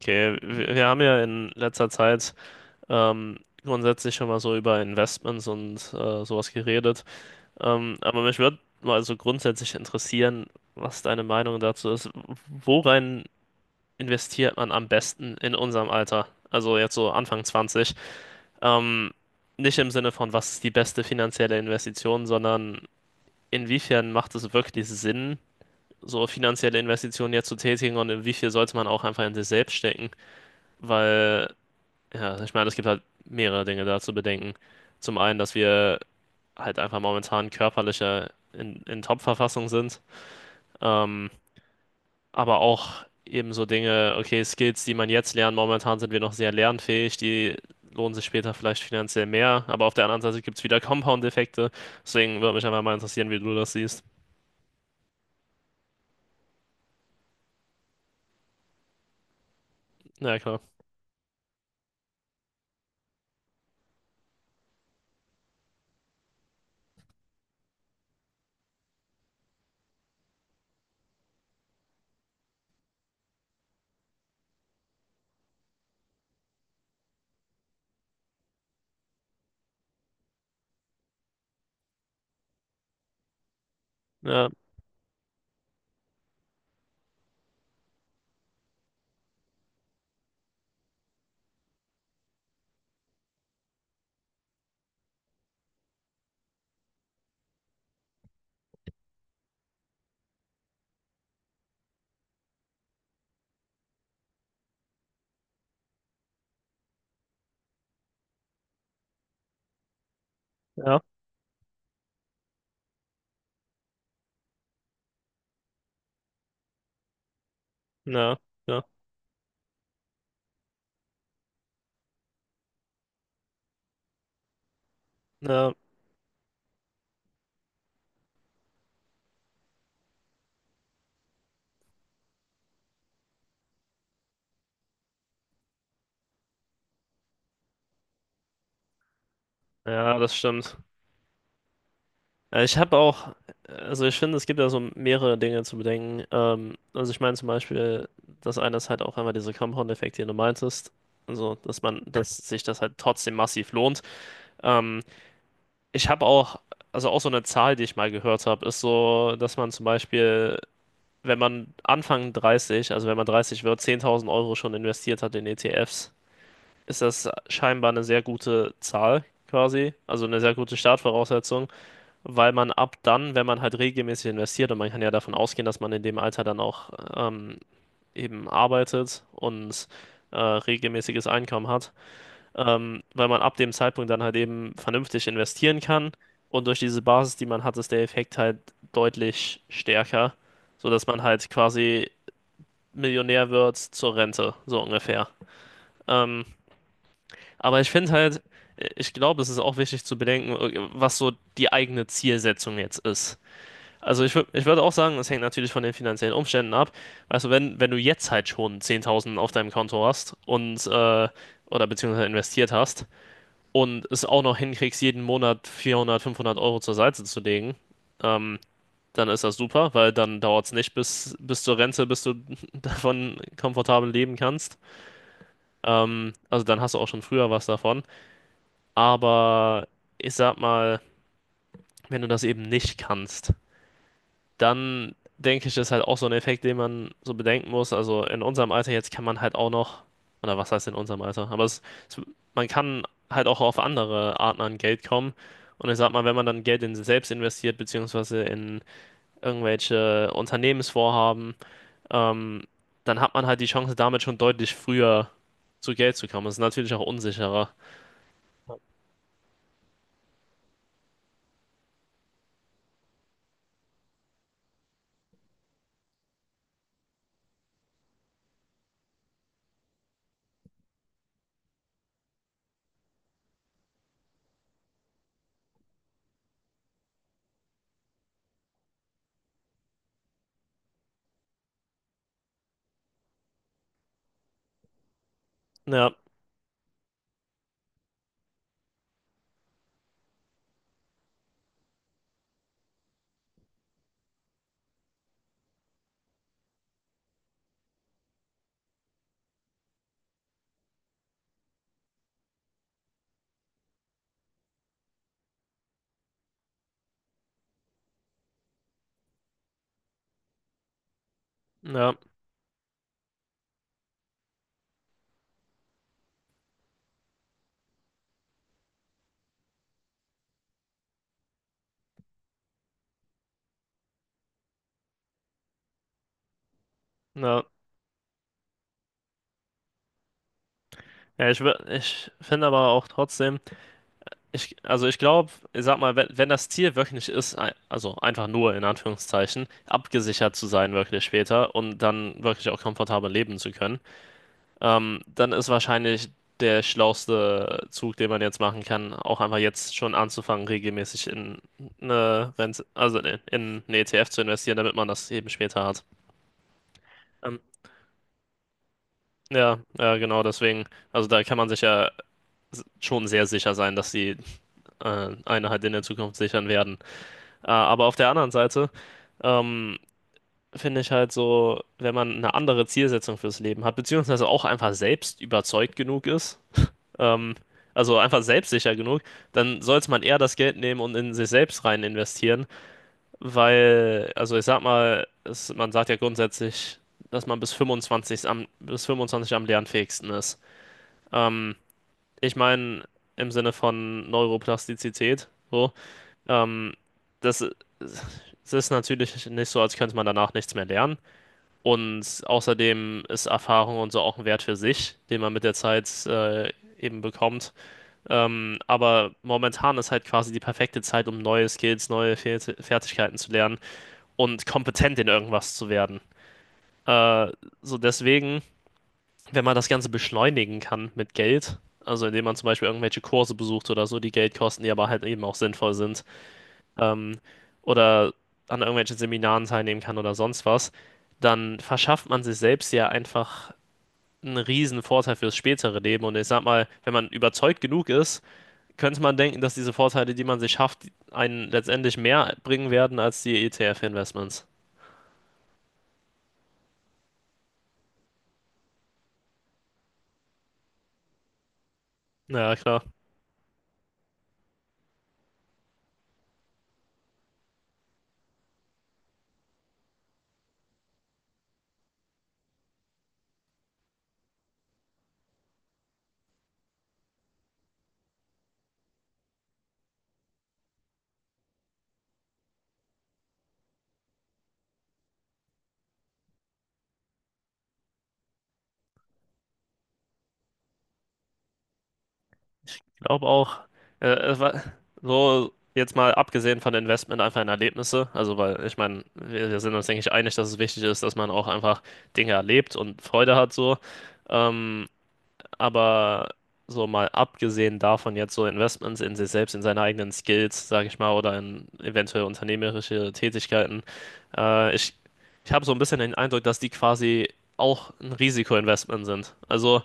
Okay, wir haben ja in letzter Zeit grundsätzlich schon mal so über Investments und sowas geredet. Aber mich würde mal so grundsätzlich interessieren, was deine Meinung dazu ist. Worein Investiert man am besten in unserem Alter? Also jetzt so Anfang 20. Ähm, Nicht im Sinne von, was ist die beste finanzielle Investition, sondern inwiefern macht es wirklich Sinn, so finanzielle Investitionen jetzt zu tätigen und inwiefern sollte man auch einfach in sich selbst stecken? Weil Ja, ich meine, es gibt halt mehrere Dinge da zu bedenken. Zum einen, dass wir halt einfach momentan körperlicher in Top-Verfassung sind. Ähm, aber auch eben so Dinge, okay, Skills, die man jetzt lernt, momentan sind wir noch sehr lernfähig, die lohnen sich später vielleicht finanziell mehr. Aber auf der anderen Seite gibt es wieder Compound-Effekte. Deswegen würde mich einfach mal interessieren, wie du das siehst. Ja, klar. Ja, ja, ja, ja, ja, ja, das stimmt. Ich habe also ich finde, es gibt da so mehrere Dinge zu bedenken. Also ich meine zum Beispiel, das eine ist halt auch einmal dieser Compound-Effekt, den du meintest. Also, dass sich das halt trotzdem massiv lohnt. Ähm, Ich habe auch, also auch so eine Zahl, die ich mal gehört habe, ist so, dass man zum Beispiel, wenn man Anfang 30, also wenn man 30 wird, 10.000 Euro schon investiert hat in ETFs, ist das scheinbar eine sehr gute Zahl quasi, also eine sehr gute Startvoraussetzung, weil man ab dann, wenn man halt regelmäßig investiert, und man kann ja davon ausgehen, dass man in dem Alter dann auch eben arbeitet und regelmäßiges Einkommen hat, weil man ab dem Zeitpunkt dann halt eben vernünftig investieren kann und durch diese Basis, die man hat, ist der Effekt halt deutlich stärker, sodass man halt quasi Millionär wird zur Rente, so ungefähr. Ähm, aber ich finde halt, ich glaube, es ist auch wichtig zu bedenken, was so die eigene Zielsetzung jetzt ist. Ich würde auch sagen, es hängt natürlich von den finanziellen Umständen ab. Also wenn du jetzt halt schon 10.000 auf deinem Konto hast und oder beziehungsweise investiert hast und es auch noch hinkriegst, jeden Monat 400, 500 Euro zur Seite zu legen, ähm, dann ist das super, weil dann dauert es nicht bis zur Rente, bis du davon komfortabel leben kannst. Also dann hast du auch schon früher was davon. Aber ich sag mal, wenn du das eben nicht kannst, dann denke ich, ist halt auch so ein Effekt, den man so bedenken muss. Also in unserem Alter jetzt kann man halt auch noch, oder was heißt in unserem Alter? Es, Man kann halt auch auf andere Arten an Geld kommen. Und ich sag mal, wenn man dann Geld in sich selbst investiert, beziehungsweise in irgendwelche Unternehmensvorhaben, ähm, dann hat man halt die Chance, damit schon deutlich früher zu Geld zu kommen. Das ist natürlich auch unsicherer. Ja, ja, ja. Ich finde aber auch trotzdem. Also ich glaube, ich sag mal, wenn das Ziel wirklich ist, also einfach nur in Anführungszeichen, abgesichert zu sein wirklich später und dann wirklich auch komfortabel leben zu können, dann ist wahrscheinlich der schlauste Zug, den man jetzt machen kann, auch einfach jetzt schon anzufangen, regelmäßig in eine Rente, in einen ETF zu investieren, damit man das eben später hat. Ähm, ja, ja, genau, deswegen, also da kann man sich ja schon sehr sicher sein, dass die eine halt in der Zukunft sichern werden. Ah, aber auf der anderen Seite ähm, finde ich halt so, wenn man eine andere Zielsetzung fürs Leben hat, beziehungsweise auch einfach selbst überzeugt genug ist, ähm, also einfach selbstsicher genug, dann sollte man eher das Geld nehmen und in sich selbst rein investieren, weil, also ich sag mal, es, man sagt ja grundsätzlich, dass man bis 25 am, bis 25 am lernfähigsten ist. Ähm, Ich meine, im Sinne von Neuroplastizität, so. Ähm, das, Es ist natürlich nicht so, als könnte man danach nichts mehr lernen. Und außerdem ist Erfahrung und so auch ein Wert für sich, den man mit der Zeit eben bekommt. Aber momentan ist halt quasi die perfekte Zeit, um neue Skills, neue Fertigkeiten zu lernen und kompetent in irgendwas zu werden. Äh, Deswegen, wenn man das Ganze beschleunigen kann mit Geld, also indem man zum Beispiel irgendwelche Kurse besucht oder so, die Geld kosten, die aber halt eben auch sinnvoll sind, ähm, oder an irgendwelchen Seminaren teilnehmen kann oder sonst was, dann verschafft man sich selbst ja einfach einen riesen Vorteil fürs spätere Leben. Und ich sag mal, wenn man überzeugt genug ist, könnte man denken, dass diese Vorteile, die man sich schafft, einen letztendlich mehr bringen werden als die ETF-Investments. Ja, klar. Ich glaube auch, äh, es war- so jetzt mal abgesehen von Investment einfach in Erlebnisse. Also, weil ich meine, wir sind uns, denke ich, einig, dass es wichtig ist, dass man auch einfach Dinge erlebt und Freude hat so. Ähm, Aber so mal abgesehen davon jetzt so Investments in sich selbst, in seine eigenen Skills, sage ich mal, oder in eventuell unternehmerische Tätigkeiten, äh, ich, ich habe so ein bisschen den Eindruck, dass die quasi auch ein Risikoinvestment sind. Also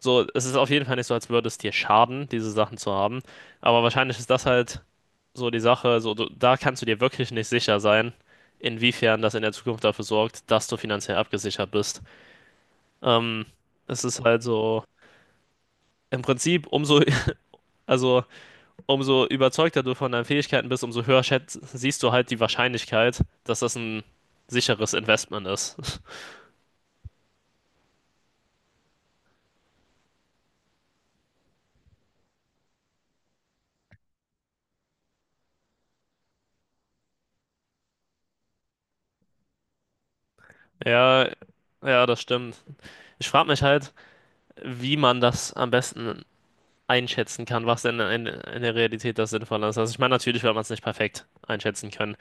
so, es ist auf jeden Fall nicht so, als würde es dir schaden, diese Sachen zu haben. Aber wahrscheinlich ist das halt so die Sache, so du, da kannst du dir wirklich nicht sicher sein, inwiefern das in der Zukunft dafür sorgt, dass du finanziell abgesichert bist. Ähm, Es ist halt so. Im Prinzip, umso Also, Umso überzeugter du von deinen Fähigkeiten bist, umso höher siehst du halt die Wahrscheinlichkeit, dass das ein sicheres Investment ist. Ja, ja, das stimmt. Ich frage mich halt, wie man das am besten einschätzen kann, was denn in der Realität das Sinnvolle ist. Also, ich meine, natürlich wird man es nicht perfekt einschätzen können.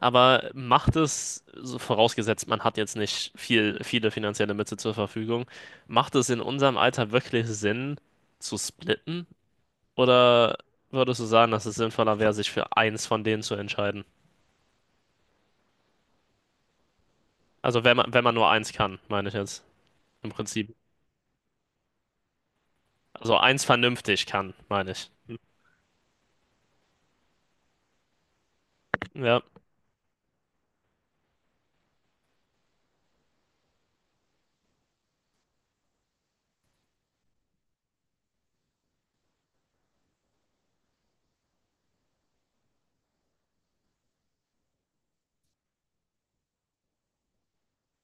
Aber macht es, so vorausgesetzt, man hat jetzt nicht viel, viele finanzielle Mittel zur Verfügung, macht es in unserem Alter wirklich Sinn zu splitten? Oder würdest du sagen, dass es sinnvoller wäre, sich für eins von denen zu entscheiden? Wenn man nur eins kann, meine ich jetzt. Im Prinzip. Also eins vernünftig kann, meine ich. Ja,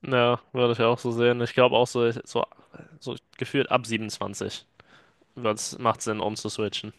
ja, würde ich auch so sehen. Ich glaube auch so gefühlt ab 27 wird's, macht Sinn, umzuswitchen.